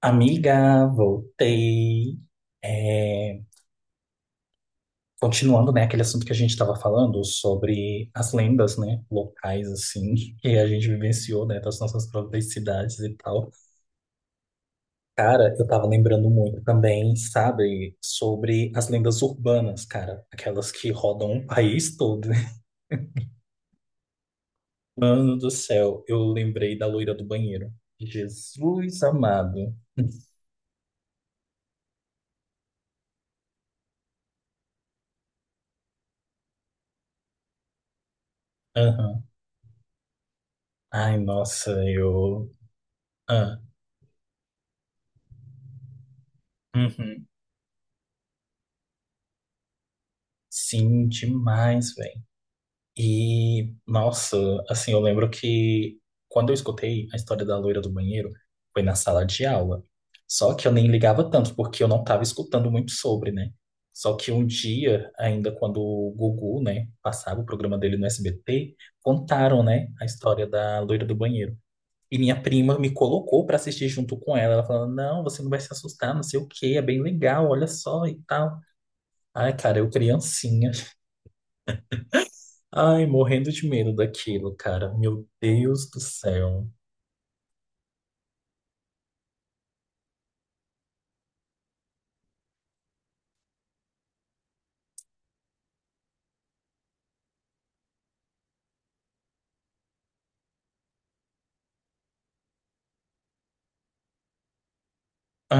Amiga, voltei. É, continuando, né, aquele assunto que a gente estava falando sobre as lendas, né, locais, assim, que a gente vivenciou, né, das nossas próprias cidades e tal. Cara, eu tava lembrando muito também, sabe, sobre as lendas urbanas, cara, aquelas que rodam o país todo. Mano do céu, eu lembrei da loira do banheiro. Jesus amado. Aham. Ai, nossa, eu. Ah. Uhum. Sim, demais, velho. E, nossa, assim, eu lembro que quando eu escutei a história da loira do banheiro, foi na sala de aula. Só que eu nem ligava tanto, porque eu não estava escutando muito sobre, né? Só que um dia, ainda quando o Gugu, né, passava o programa dele no SBT, contaram, né, a história da loira do banheiro. E minha prima me colocou para assistir junto com ela. Ela falando, não, você não vai se assustar, não sei o quê, é bem legal, olha só e tal. Ai, cara, eu criancinha. Ai, morrendo de medo daquilo, cara. Meu Deus do céu.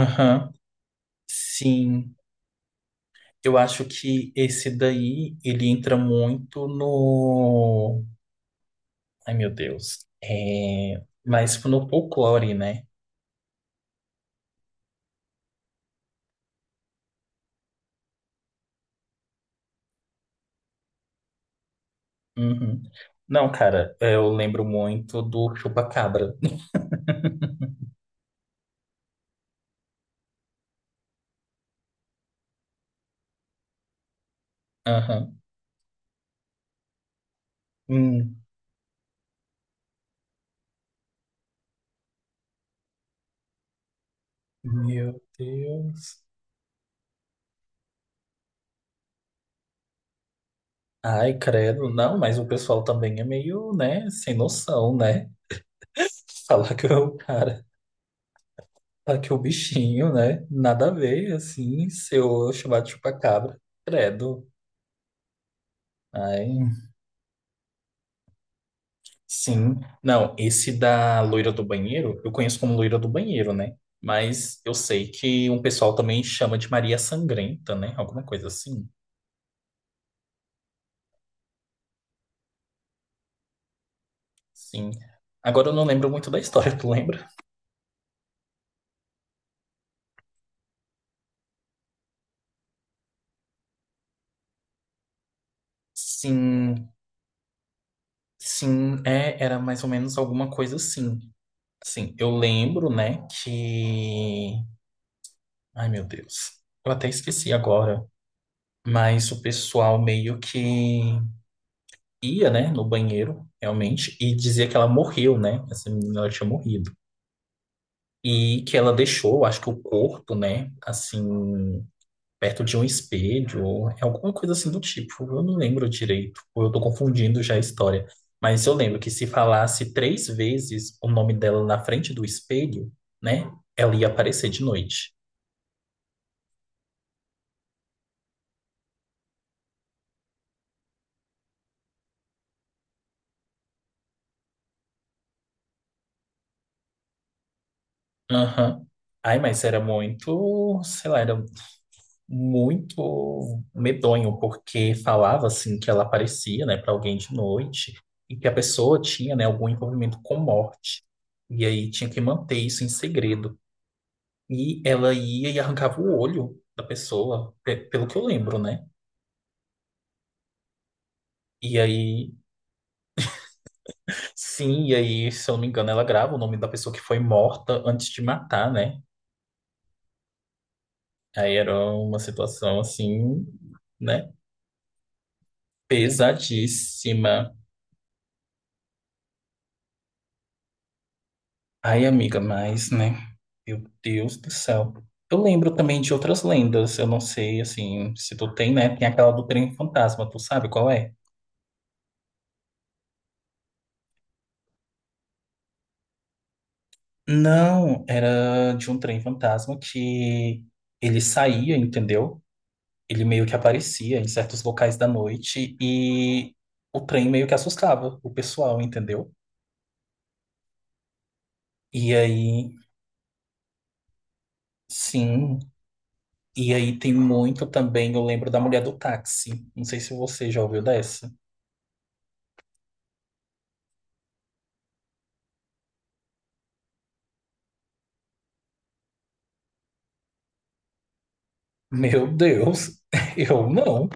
Aham, sim. Eu acho que esse daí, ele entra muito no... Ai, meu Deus. É... Mas no folclore, né? Uhum. Não, cara, eu lembro muito do Chupacabra. Aham. Hum. Meu Deus. Ai, credo. Não, mas o pessoal também é meio, né, sem noção, né? Falar que é o cara. Tá que o bichinho, né? Nada a ver, assim, se eu chamar de chupacabra, credo. Ai, sim. Não, esse da loira do banheiro, eu conheço como loira do banheiro, né? Mas eu sei que um pessoal também chama de Maria Sangrenta, né? Alguma coisa assim. Sim. Agora eu não lembro muito da história, tu lembra? Sim, sim, é, era mais ou menos alguma coisa assim. Assim, eu lembro, né, que... Ai, meu Deus. Eu até esqueci agora. Mas o pessoal meio que ia, né, no banheiro, realmente, e dizia que ela morreu, né? Essa menina ela tinha morrido. E que ela deixou, acho que o corpo, né, assim, perto de um espelho, ou alguma coisa assim do tipo. Eu não lembro direito, ou eu tô confundindo já a história. Mas eu lembro que se falasse três vezes o nome dela na frente do espelho, né, ela ia aparecer de noite. Aham. Ai, mas era muito, sei lá, era muito medonho, porque falava assim que ela aparecia, né, para alguém de noite e que a pessoa tinha, né, algum envolvimento com morte. E aí tinha que manter isso em segredo. E ela ia e arrancava o olho da pessoa, pelo que eu lembro, né? E aí, sim, e aí, se eu não me engano, ela grava o nome da pessoa que foi morta antes de matar, né? Aí era uma situação assim, né? Pesadíssima. Ai, amiga, mas, né? Meu Deus do céu. Eu lembro também de outras lendas. Eu não sei, assim, se tu tem, né? Tem aquela do trem fantasma, tu sabe qual é? Não, era de um trem fantasma que ele saía, entendeu? Ele meio que aparecia em certos locais da noite e o trem meio que assustava o pessoal, entendeu? E aí, sim. E aí tem muito também, eu lembro da mulher do táxi. Não sei se você já ouviu dessa. Meu Deus, eu não.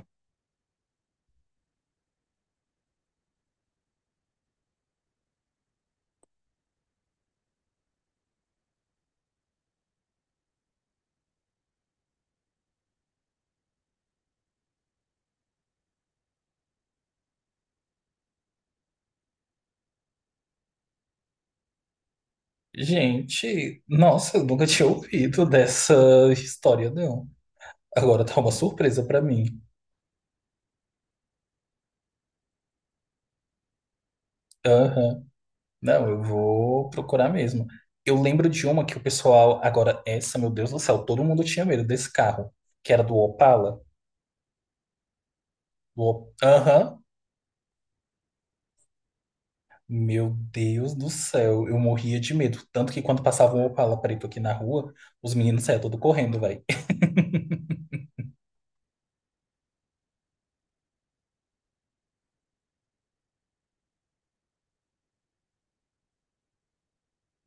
Gente, nossa, eu nunca tinha ouvido dessa história, não. Agora tá uma surpresa pra mim. Aham. Não, eu vou procurar mesmo. Eu lembro de uma que o pessoal. Agora, essa, meu Deus do céu, todo mundo tinha medo desse carro, que era do Opala. Aham. Meu Deus do céu, eu morria de medo. Tanto que quando passava um Opala preto aqui na rua, os meninos saíam tudo correndo, velho.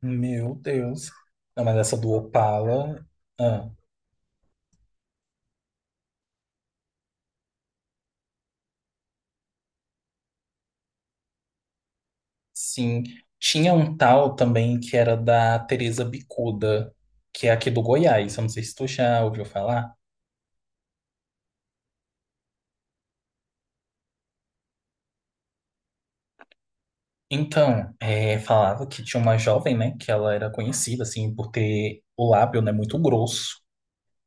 Meu Deus. Não, mas essa do Opala, ah, sim. Tinha um tal também que era da Teresa Bicuda, que é aqui do Goiás. Eu não sei se tu já ouviu falar. Então, é, falava que tinha uma jovem, né, que ela era conhecida, assim, por ter o lábio, né, muito grosso.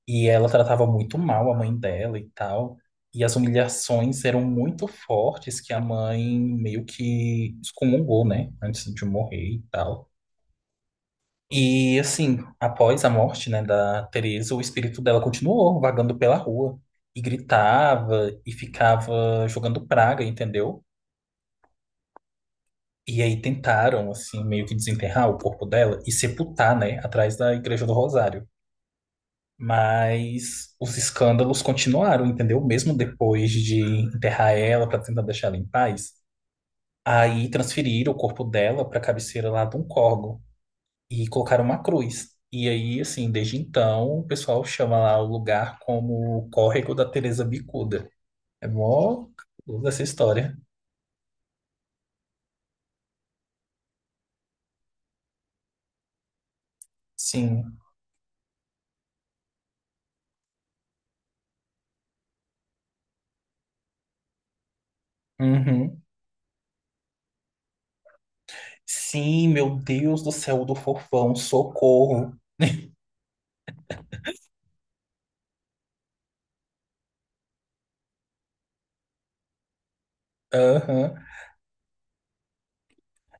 E ela tratava muito mal a mãe dela e tal. E as humilhações eram muito fortes que a mãe meio que excomungou, né, antes de morrer e tal. E assim, após a morte, né, da Teresa, o espírito dela continuou vagando pela rua e gritava e ficava jogando praga, entendeu? E aí tentaram assim meio que desenterrar o corpo dela e sepultar, né, atrás da Igreja do Rosário. Mas os escândalos continuaram, entendeu? Mesmo depois de enterrar ela para tentar deixar ela em paz, aí transferiram o corpo dela para a cabeceira lá de um córgo. E colocaram uma cruz. E aí, assim, desde então, o pessoal chama lá o lugar como o Córrego da Teresa Bicuda. É mó cabuloso essa história. Sim. Uhum. Sim, meu Deus do céu o do fofão, socorro. Aham.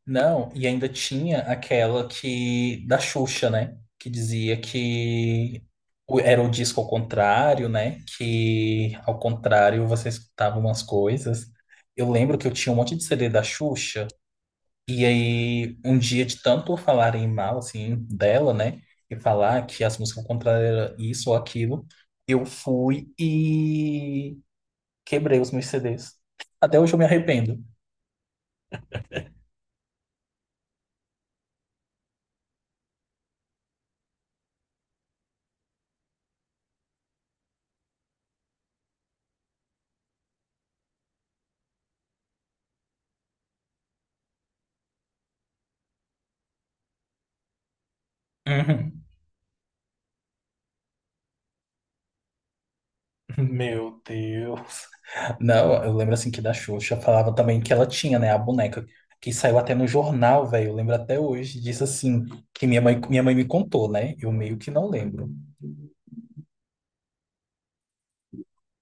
Não, e ainda tinha aquela que da Xuxa, né? Que dizia que era o disco ao contrário, né? Que ao contrário você escutava umas coisas. Eu lembro que eu tinha um monte de CD da Xuxa. E aí, um dia de tanto falarem mal, assim, dela, né? E falar que as músicas contrárias era isso ou aquilo, eu fui e quebrei os meus CDs. Até hoje eu me arrependo. Uhum. Meu Deus. Não, eu lembro assim que da Xuxa falava também que ela tinha, né, a boneca que saiu até no jornal, velho. Eu lembro até hoje, disse assim, que minha mãe me contou, né? Eu meio que não lembro.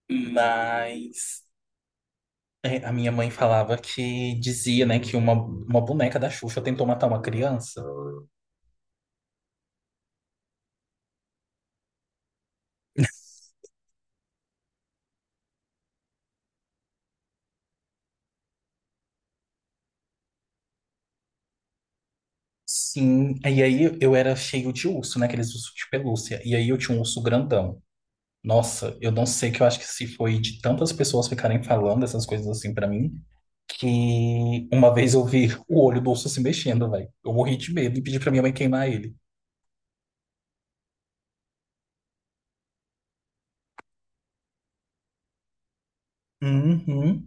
Mas é, a minha mãe falava que dizia, né, que uma boneca da Xuxa tentou matar uma criança. Sim, e aí eu era cheio de urso, né, aqueles ursos de pelúcia. E aí eu tinha um urso grandão. Nossa, eu não sei que eu acho que se foi de tantas pessoas ficarem falando essas coisas assim pra mim, que uma vez eu vi o olho do urso se mexendo, velho. Eu morri de medo e pedi pra minha mãe queimar ele. Uhum.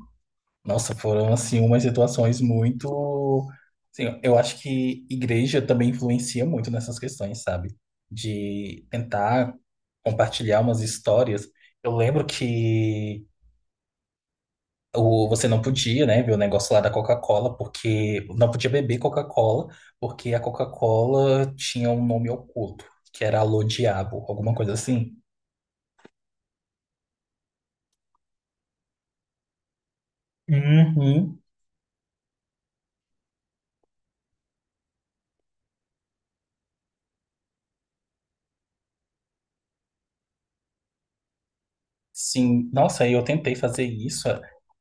Nossa, foram assim umas situações muito, assim, eu acho que igreja também influencia muito nessas questões, sabe? De tentar compartilhar umas histórias. Eu lembro que o, você não podia, né, ver o negócio lá da Coca-Cola, porque não podia beber Coca-Cola, porque a Coca-Cola tinha um nome oculto, que era Alô Diabo, alguma coisa assim. Uhum. Sim, nossa, e eu tentei fazer isso.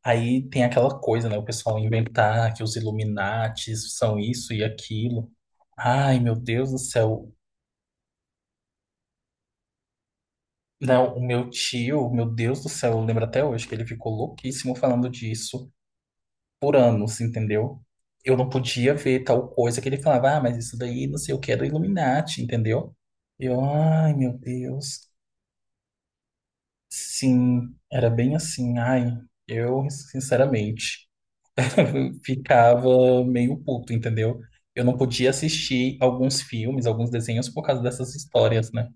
Aí tem aquela coisa, né? O pessoal inventar que os Illuminates são isso e aquilo. Ai, meu Deus do céu. Não, o meu tio, meu Deus do céu, eu lembro até hoje que ele ficou louquíssimo falando disso por anos, entendeu? Eu não podia ver tal coisa que ele falava, ah, mas isso daí não sei o que é do Illuminati, entendeu? Eu, ai, meu Deus. Sim, era bem assim. Ai, eu, sinceramente. ficava meio puto, entendeu? Eu não podia assistir alguns filmes, alguns desenhos por causa dessas histórias, né?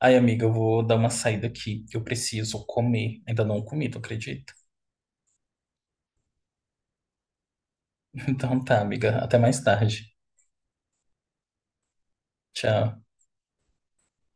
Ai, amiga, eu vou dar uma saída aqui, que eu preciso comer. Ainda não comi, tu acredita? Então tá, amiga, até mais tarde. Tchau.